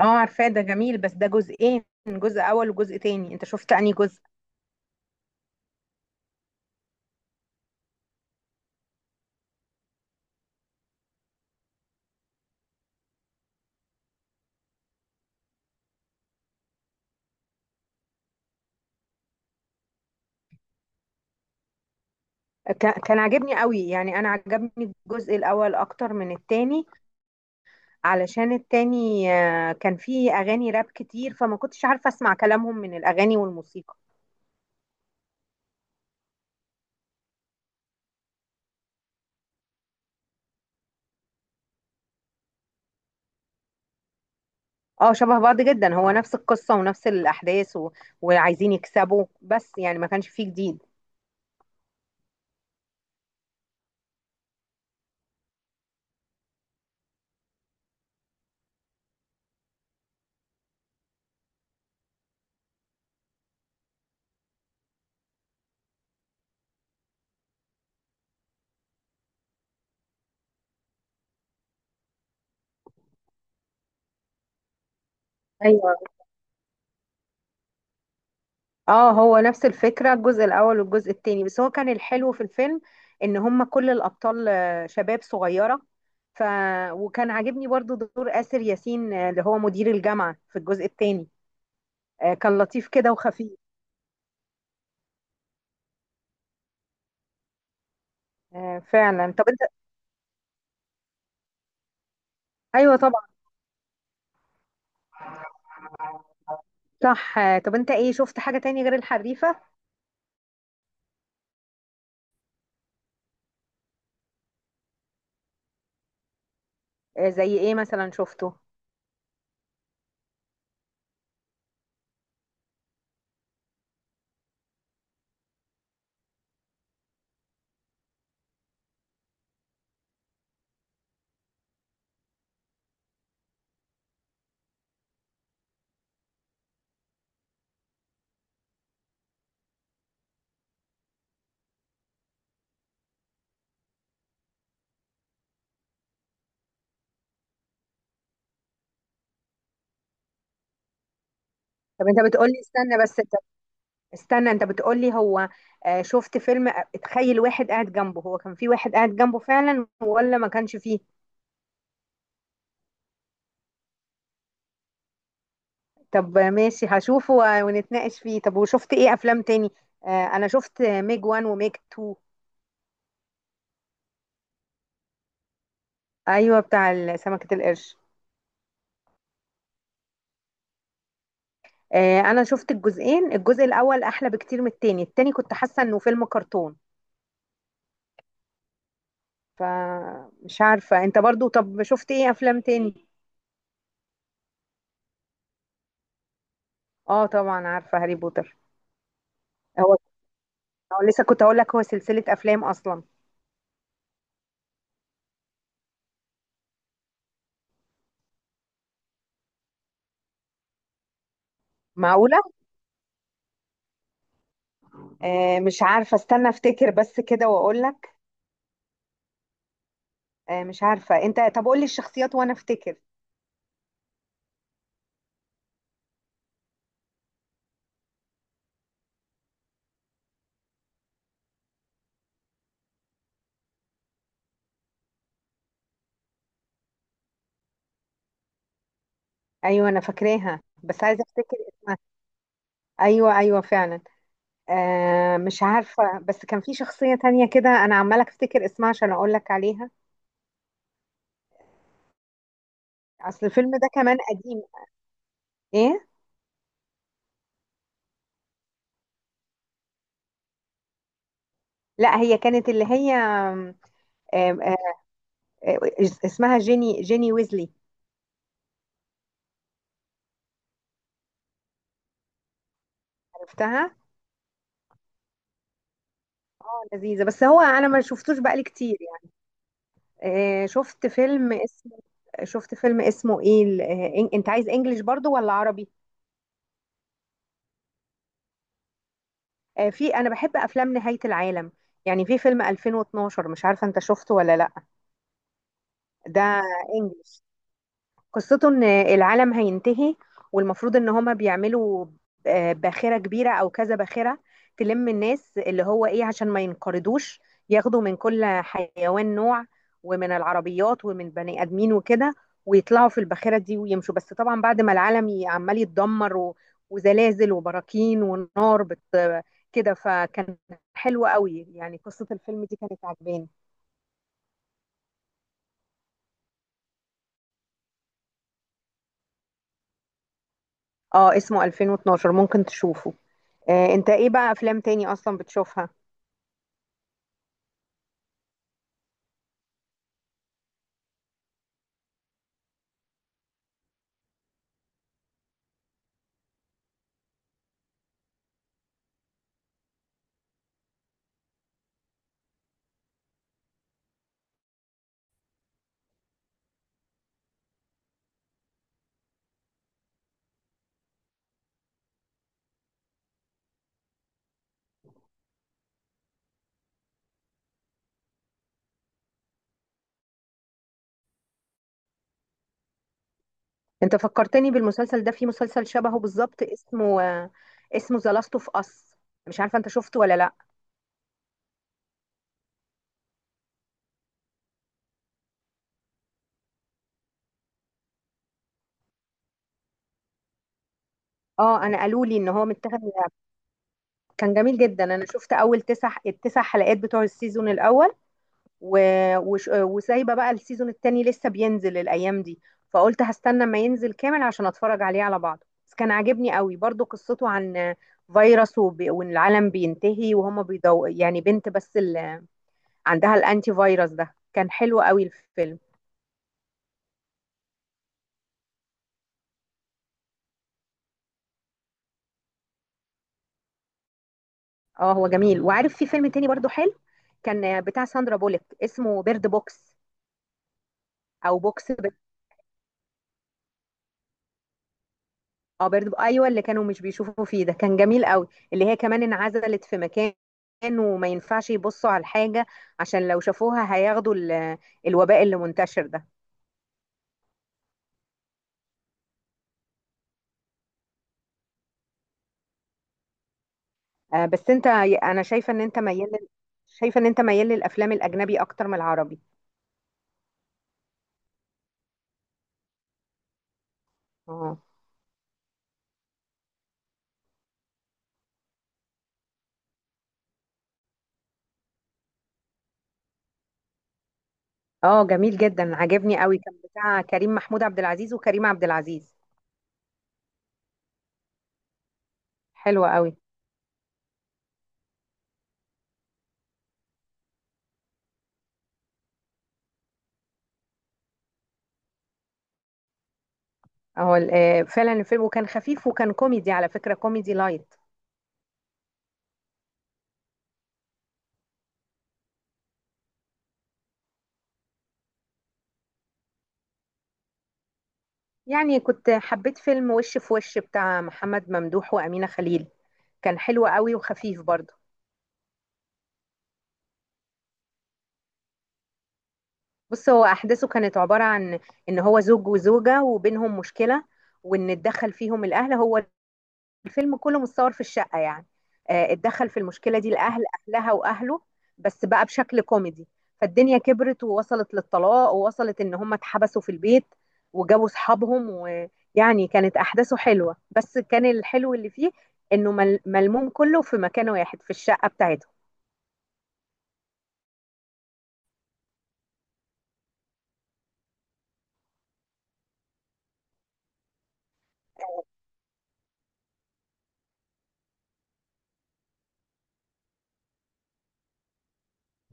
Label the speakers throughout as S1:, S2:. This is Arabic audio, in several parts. S1: اه، عارفاه. ده جميل، بس ده جزئين، جزء اول وجزء تاني. انت شفت انهي جزء؟ كان عاجبني قوي، يعني انا عجبني الجزء الاول اكتر من التاني. علشان التاني كان فيه اغاني راب كتير، فما كنتش عارفه اسمع كلامهم من الاغاني والموسيقى. اه، شبه بعض جدا. هو نفس القصه ونفس الاحداث، وعايزين يكسبوا، بس يعني ما كانش فيه جديد. ايوه، اه، هو نفس الفكرة الجزء الأول والجزء التاني، بس هو كان الحلو في الفيلم إن هم كل الأبطال شباب صغيرة. ف وكان عاجبني برضو دور آسر ياسين، اللي هو مدير الجامعة في الجزء التاني. كان لطيف كده وخفيف. فعلا. طب انت ايوه طبعا صح. طب انت ايه شفت حاجة تاني غير الحريفة؟ زي ايه مثلا شفته؟ طب انت بتقولي استنى بس. استنى، انت بتقولي هو شفت فيلم اتخيل واحد قاعد جنبه. هو كان في واحد قاعد جنبه فعلا ولا ما كانش فيه؟ طب ماشي، هشوفه ونتناقش فيه. طب وشفت ايه افلام تاني؟ انا شفت ميج وان وميج تو. ايوه، بتاع سمكة القرش. انا شفت الجزئين. الجزء الاول احلى بكتير من التاني. التاني كنت حاسة انه فيلم كرتون. فمش عارفة. انت برضو طب شفت ايه افلام تاني؟ اه، طبعا عارفة هاري بوتر. هو هو لسه كنت هقول لك، هو سلسلة افلام اصلا. معقولة؟ مش عارفة، استنى افتكر بس كده واقول لك. مش عارفة. انت طب قول لي الشخصيات وانا افتكر. ايوه، انا فاكراها، بس عايزة افتكر اسمها. ايوه، ايوه، فعلا. مش عارفة، بس كان في شخصية تانية كده انا عمالة افتكر اسمها عشان اقول لك عليها. اصل الفيلم ده كمان قديم. ايه؟ لا، هي كانت اللي هي آم، آم، آه، اسمها جيني ويزلي. عرفتها. اه، لذيذة، بس هو انا ما شفتوش بقالي كتير يعني. آه، شفت فيلم شفت فيلم اسمه ايه انت عايز انجليش برضو ولا عربي؟ في انا بحب افلام نهاية العالم. يعني في فيلم 2012، مش عارفة انت شفته ولا لا. ده انجليش. قصته ان العالم هينتهي، والمفروض ان هما بيعملوا باخرة كبيرة او كذا باخرة، تلم الناس اللي هو ايه عشان ما ينقرضوش. ياخدوا من كل حيوان نوع، ومن العربيات ومن البني ادمين وكده. ويطلعوا في الباخرة دي ويمشوا، بس طبعا بعد ما العالم عمال يتدمر، وزلازل وبراكين ونار كده. فكان حلو قوي، يعني قصة الفيلم دي كانت عجباني. اه، اسمه 2012، ممكن تشوفه. انت ايه بقى افلام تاني اصلا بتشوفها؟ انت فكرتني بالمسلسل ده، في مسلسل شبهه بالظبط، اسمه ذا لاست اوف اس. مش عارفه انت شفته ولا لا؟ اه، انا قالوا لي ان هو متاخد من لعبة. كان جميل جدا. انا شفت اول تسع التسع حلقات بتوع السيزون الاول، و... وسايبه بقى السيزون التاني لسه بينزل الايام دي. فقلت هستنى ما ينزل كامل عشان اتفرج عليه على بعضه، بس كان عاجبني قوي برضو. قصته عن فيروس، وان العالم بينتهي وهما بيدو يعني بنت بس اللي عندها الانتي فيروس. ده كان حلو قوي الفيلم. اه، هو جميل. وعارف في فيلم تاني برضو حلو، كان بتاع ساندرا بوليك، اسمه بيرد بوكس او بوكس بيرد. اه، بيرد بوكس، ايوه، اللي كانوا مش بيشوفوا فيه ده. كان جميل قوي، اللي هي كمان انعزلت في مكان، وما ينفعش يبصوا على الحاجة عشان لو شافوها هياخدوا الوباء اللي منتشر ده. آه، بس انت انا شايفة ان انت ميال شايفة ان انت ميال للافلام الاجنبي اكتر من العربي. اه، اه، جميل جدا، عجبني قوي. كان بتاع كريم محمود عبد العزيز وكريم عبد العزيز. حلوة قوي. هو فعلا الفيلم، وكان خفيف وكان كوميدي، على فكرة كوميدي لايت. يعني كنت حبيت فيلم وش في وش بتاع محمد ممدوح وأمينة خليل. كان حلو قوي وخفيف برضه. بص، هو أحداثه كانت عبارة عن إن هو زوج وزوجة وبينهم مشكلة، وإن اتدخل فيهم الأهل. هو الفيلم كله متصور في الشقة يعني. اتدخل في المشكلة دي الأهل، أهلها وأهله، بس بقى بشكل كوميدي. فالدنيا كبرت، ووصلت للطلاق، ووصلت إن هم اتحبسوا في البيت، وجابوا صحابهم. ويعني كانت أحداثه حلوة، بس كان الحلو اللي فيه إنه ملموم كله في مكان واحد في الشقة بتاعتهم.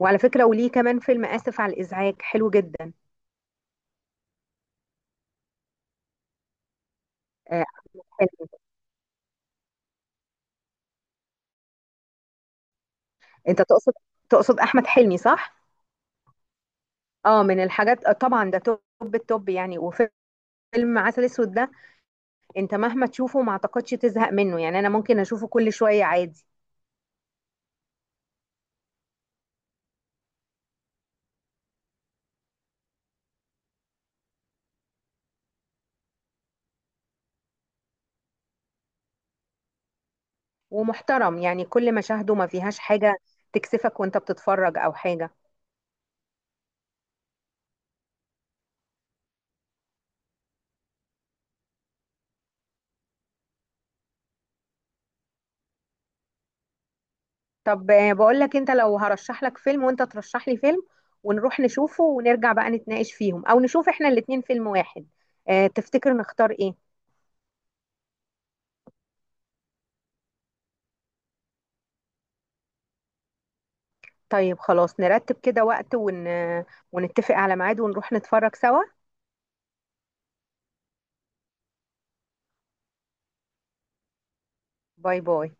S1: وعلى فكرة وليه كمان فيلم آسف على الإزعاج حلو جدا. آه، حلو. أنت تقصد، أحمد حلمي صح؟ اه، من الحاجات طبعا ده توب التوب، يعني. وفيلم عسل اسود ده، انت مهما تشوفه ما اعتقدش تزهق منه، يعني انا ممكن اشوفه كل شوية عادي. ومحترم، يعني كل مشاهده ما فيهاش حاجة تكسفك وانت بتتفرج او حاجة. طب بقول لك، انت لو هرشح لك فيلم وانت ترشح لي فيلم ونروح نشوفه ونرجع بقى نتناقش فيهم، او نشوف احنا الاتنين فيلم واحد. اه، تفتكر نختار ايه؟ طيب خلاص، نرتب كده وقت ون... آه، ونتفق على ميعاد ونروح نتفرج سوا. باي، باي.